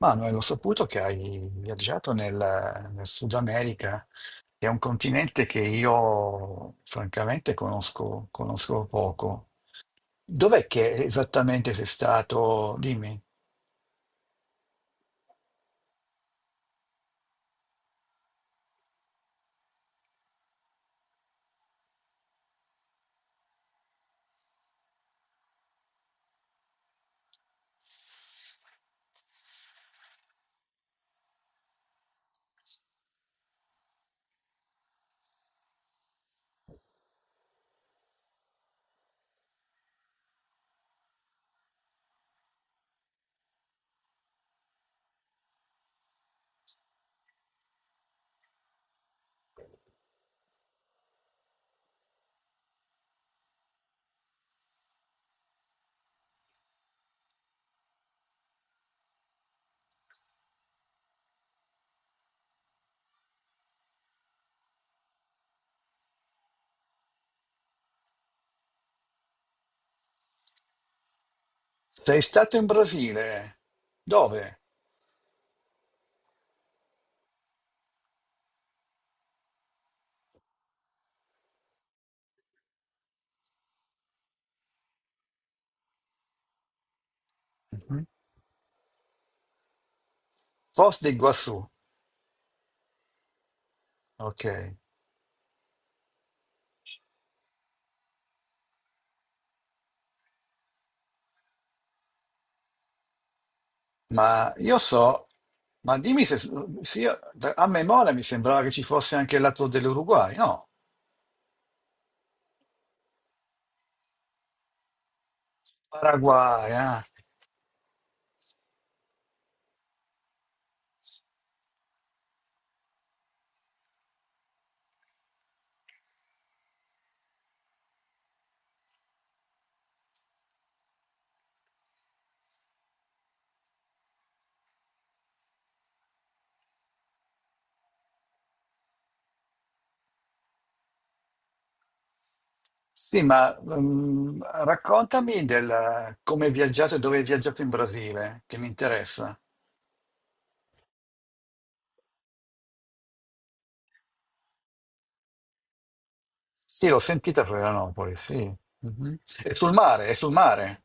Manuel, ho saputo che hai viaggiato nel Sud America, che è un continente che io francamente conosco, conosco poco. Dov'è che esattamente sei stato? Dimmi. Sei stato in Brasile? Dove? Mhm. Foz de Iguazú. Ok. Ma io so, ma dimmi se, se io- a memoria mi sembrava che ci fosse anche il lato dell'Uruguay, no? Paraguay, ah. Sì, ma raccontami del come hai viaggiato e dove hai viaggiato in Brasile, che mi interessa. Sì, l'ho sentita Florianopoli, sì. Mhm. È sul mare, è sul mare.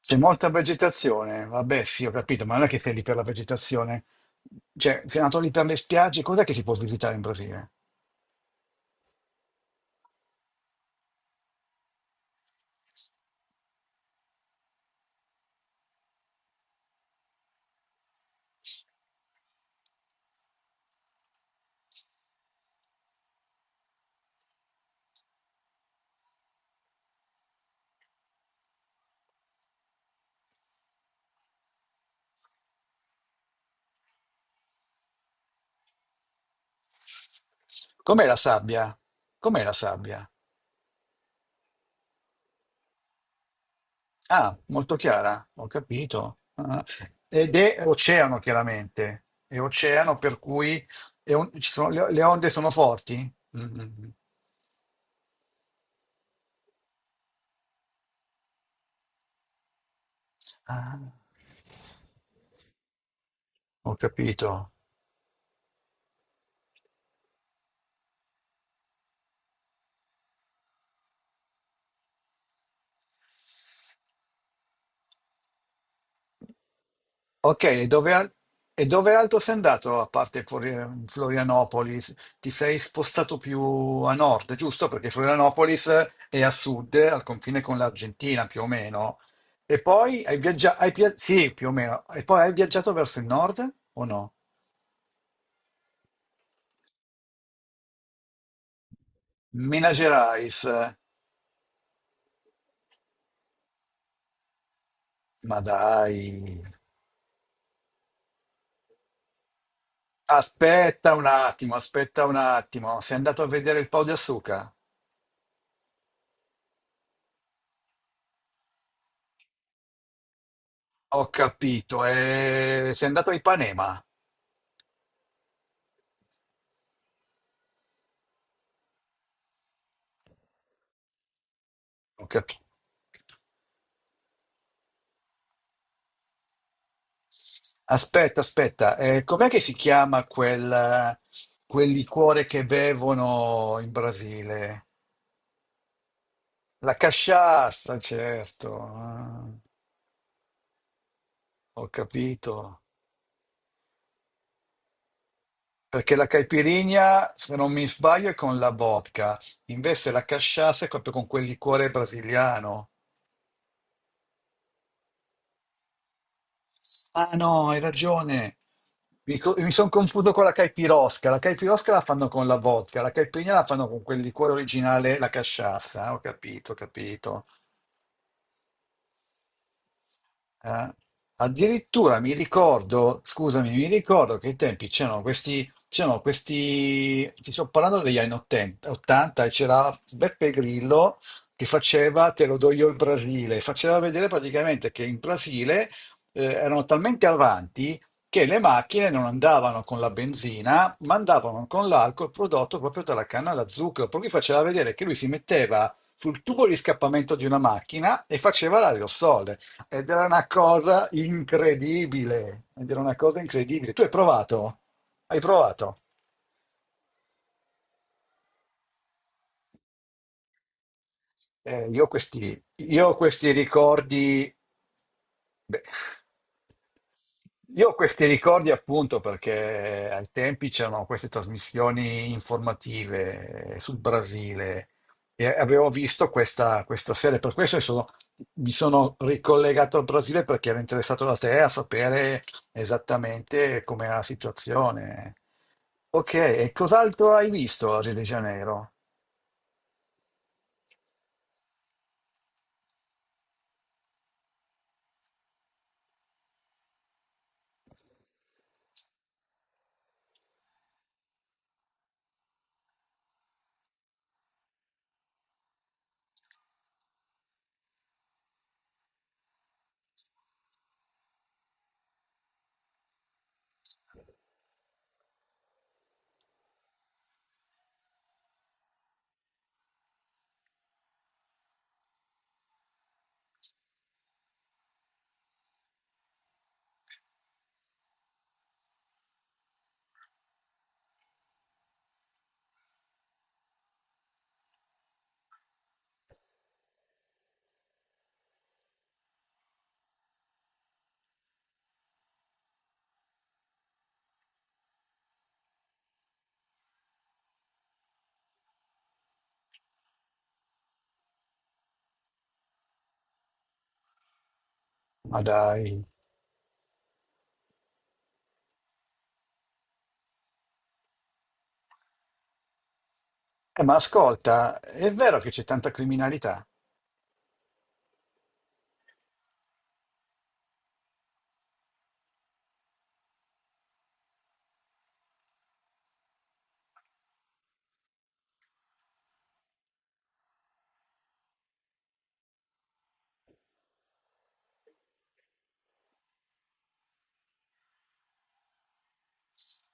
C'è molta vegetazione. Vabbè, sì, ho capito, ma non è che sei lì per la vegetazione. Cioè, sei andato lì per le spiagge, cos'è che si può visitare in Brasile? Com'è la sabbia? Com'è la sabbia? Ah, molto chiara, ho capito. Ah, ed è oceano, chiaramente. È oceano, per cui è un- ci sono- le onde sono forti? Mm, mm, mm. Ah, ho capito. Ok, e dove, e dove altro sei andato, a parte Florianopoli? Ti sei spostato più a nord, giusto? Perché Florianopolis è a sud, al confine con l'Argentina, più o meno. E poi hai viaggiato, sì, più o meno. E poi hai viaggiato verso il nord o no? Mina Gerais, ma dai. Aspetta un attimo, aspetta un attimo. Sei andato a vedere il Pau di Assuca? Ho capito, sei andato a Ipanema. Ho capito. Aspetta, aspetta, com'è che si chiama quel, quel liquore che bevono in Brasile? La cachaça, certo. Ah, ho capito. Perché la caipirinha, se non mi sbaglio, è con la vodka, invece la casciassa è proprio con quel liquore brasiliano. Ah no, hai ragione. Mi, sono confuso con la caipirosca. La caipirosca la fanno con la vodka, la caipirinha la fanno con quel liquore originale, la casciassa. Ho capito, ho capito. Eh, addirittura mi ricordo, scusami, mi ricordo che ai tempi c'erano questi, ti sto parlando degli anni 80, 80, e c'era Beppe Grillo che faceva Te lo do io il Brasile, faceva vedere praticamente che in Brasile erano talmente avanti che le macchine non andavano con la benzina, ma andavano con l'alcol prodotto proprio dalla canna alla zucchero, per cui faceva vedere che lui si metteva sul tubo di scappamento di una macchina e faceva l'aerosol. Ed era una cosa incredibile. Ed era una cosa incredibile. Tu hai provato? Hai provato? Io ho questi ricordi, beh, io ho questi ricordi appunto perché ai tempi c'erano queste trasmissioni informative sul Brasile e avevo visto questa serie, per questo mi sono ricollegato al Brasile perché ero interessato da te a sapere esattamente com'era la situazione. Ok, e cos'altro hai visto a Rio de Janeiro? Ma dai. Ma ascolta, è vero che c'è tanta criminalità,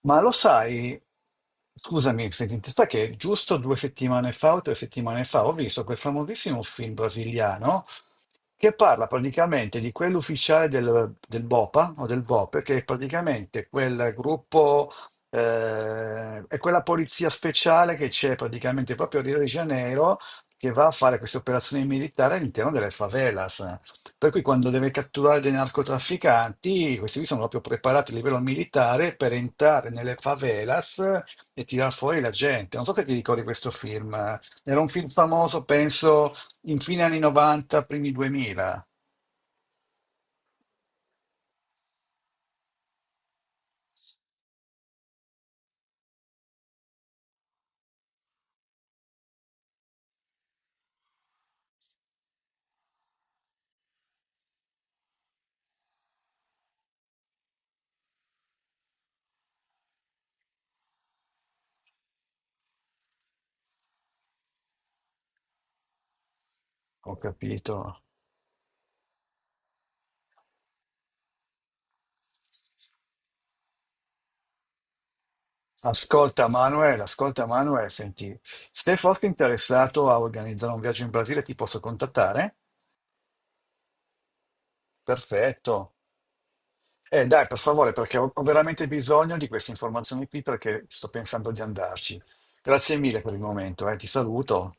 ma lo sai, scusami se ti interessa, che giusto 2 settimane fa o 3 settimane fa ho visto quel famosissimo film brasiliano che parla praticamente di quell'ufficiale del BOPA o del BOPE, che è praticamente quel gruppo, è quella polizia speciale che c'è praticamente proprio a Rio de Janeiro che va a fare queste operazioni militari all'interno delle favelas. Per cui quando deve catturare dei narcotrafficanti, questi qui sono proprio preparati a livello militare per entrare nelle favelas e tirar fuori la gente. Non so perché ti ricordi questo film. Era un film famoso, penso, in fine anni 90, primi 2000, ho capito. Ascolta Manuel, senti, se fossi interessato a organizzare un viaggio in Brasile ti posso contattare? Perfetto. Dai, per favore, perché ho veramente bisogno di queste informazioni qui perché sto pensando di andarci. Grazie mille per il momento, ti saluto.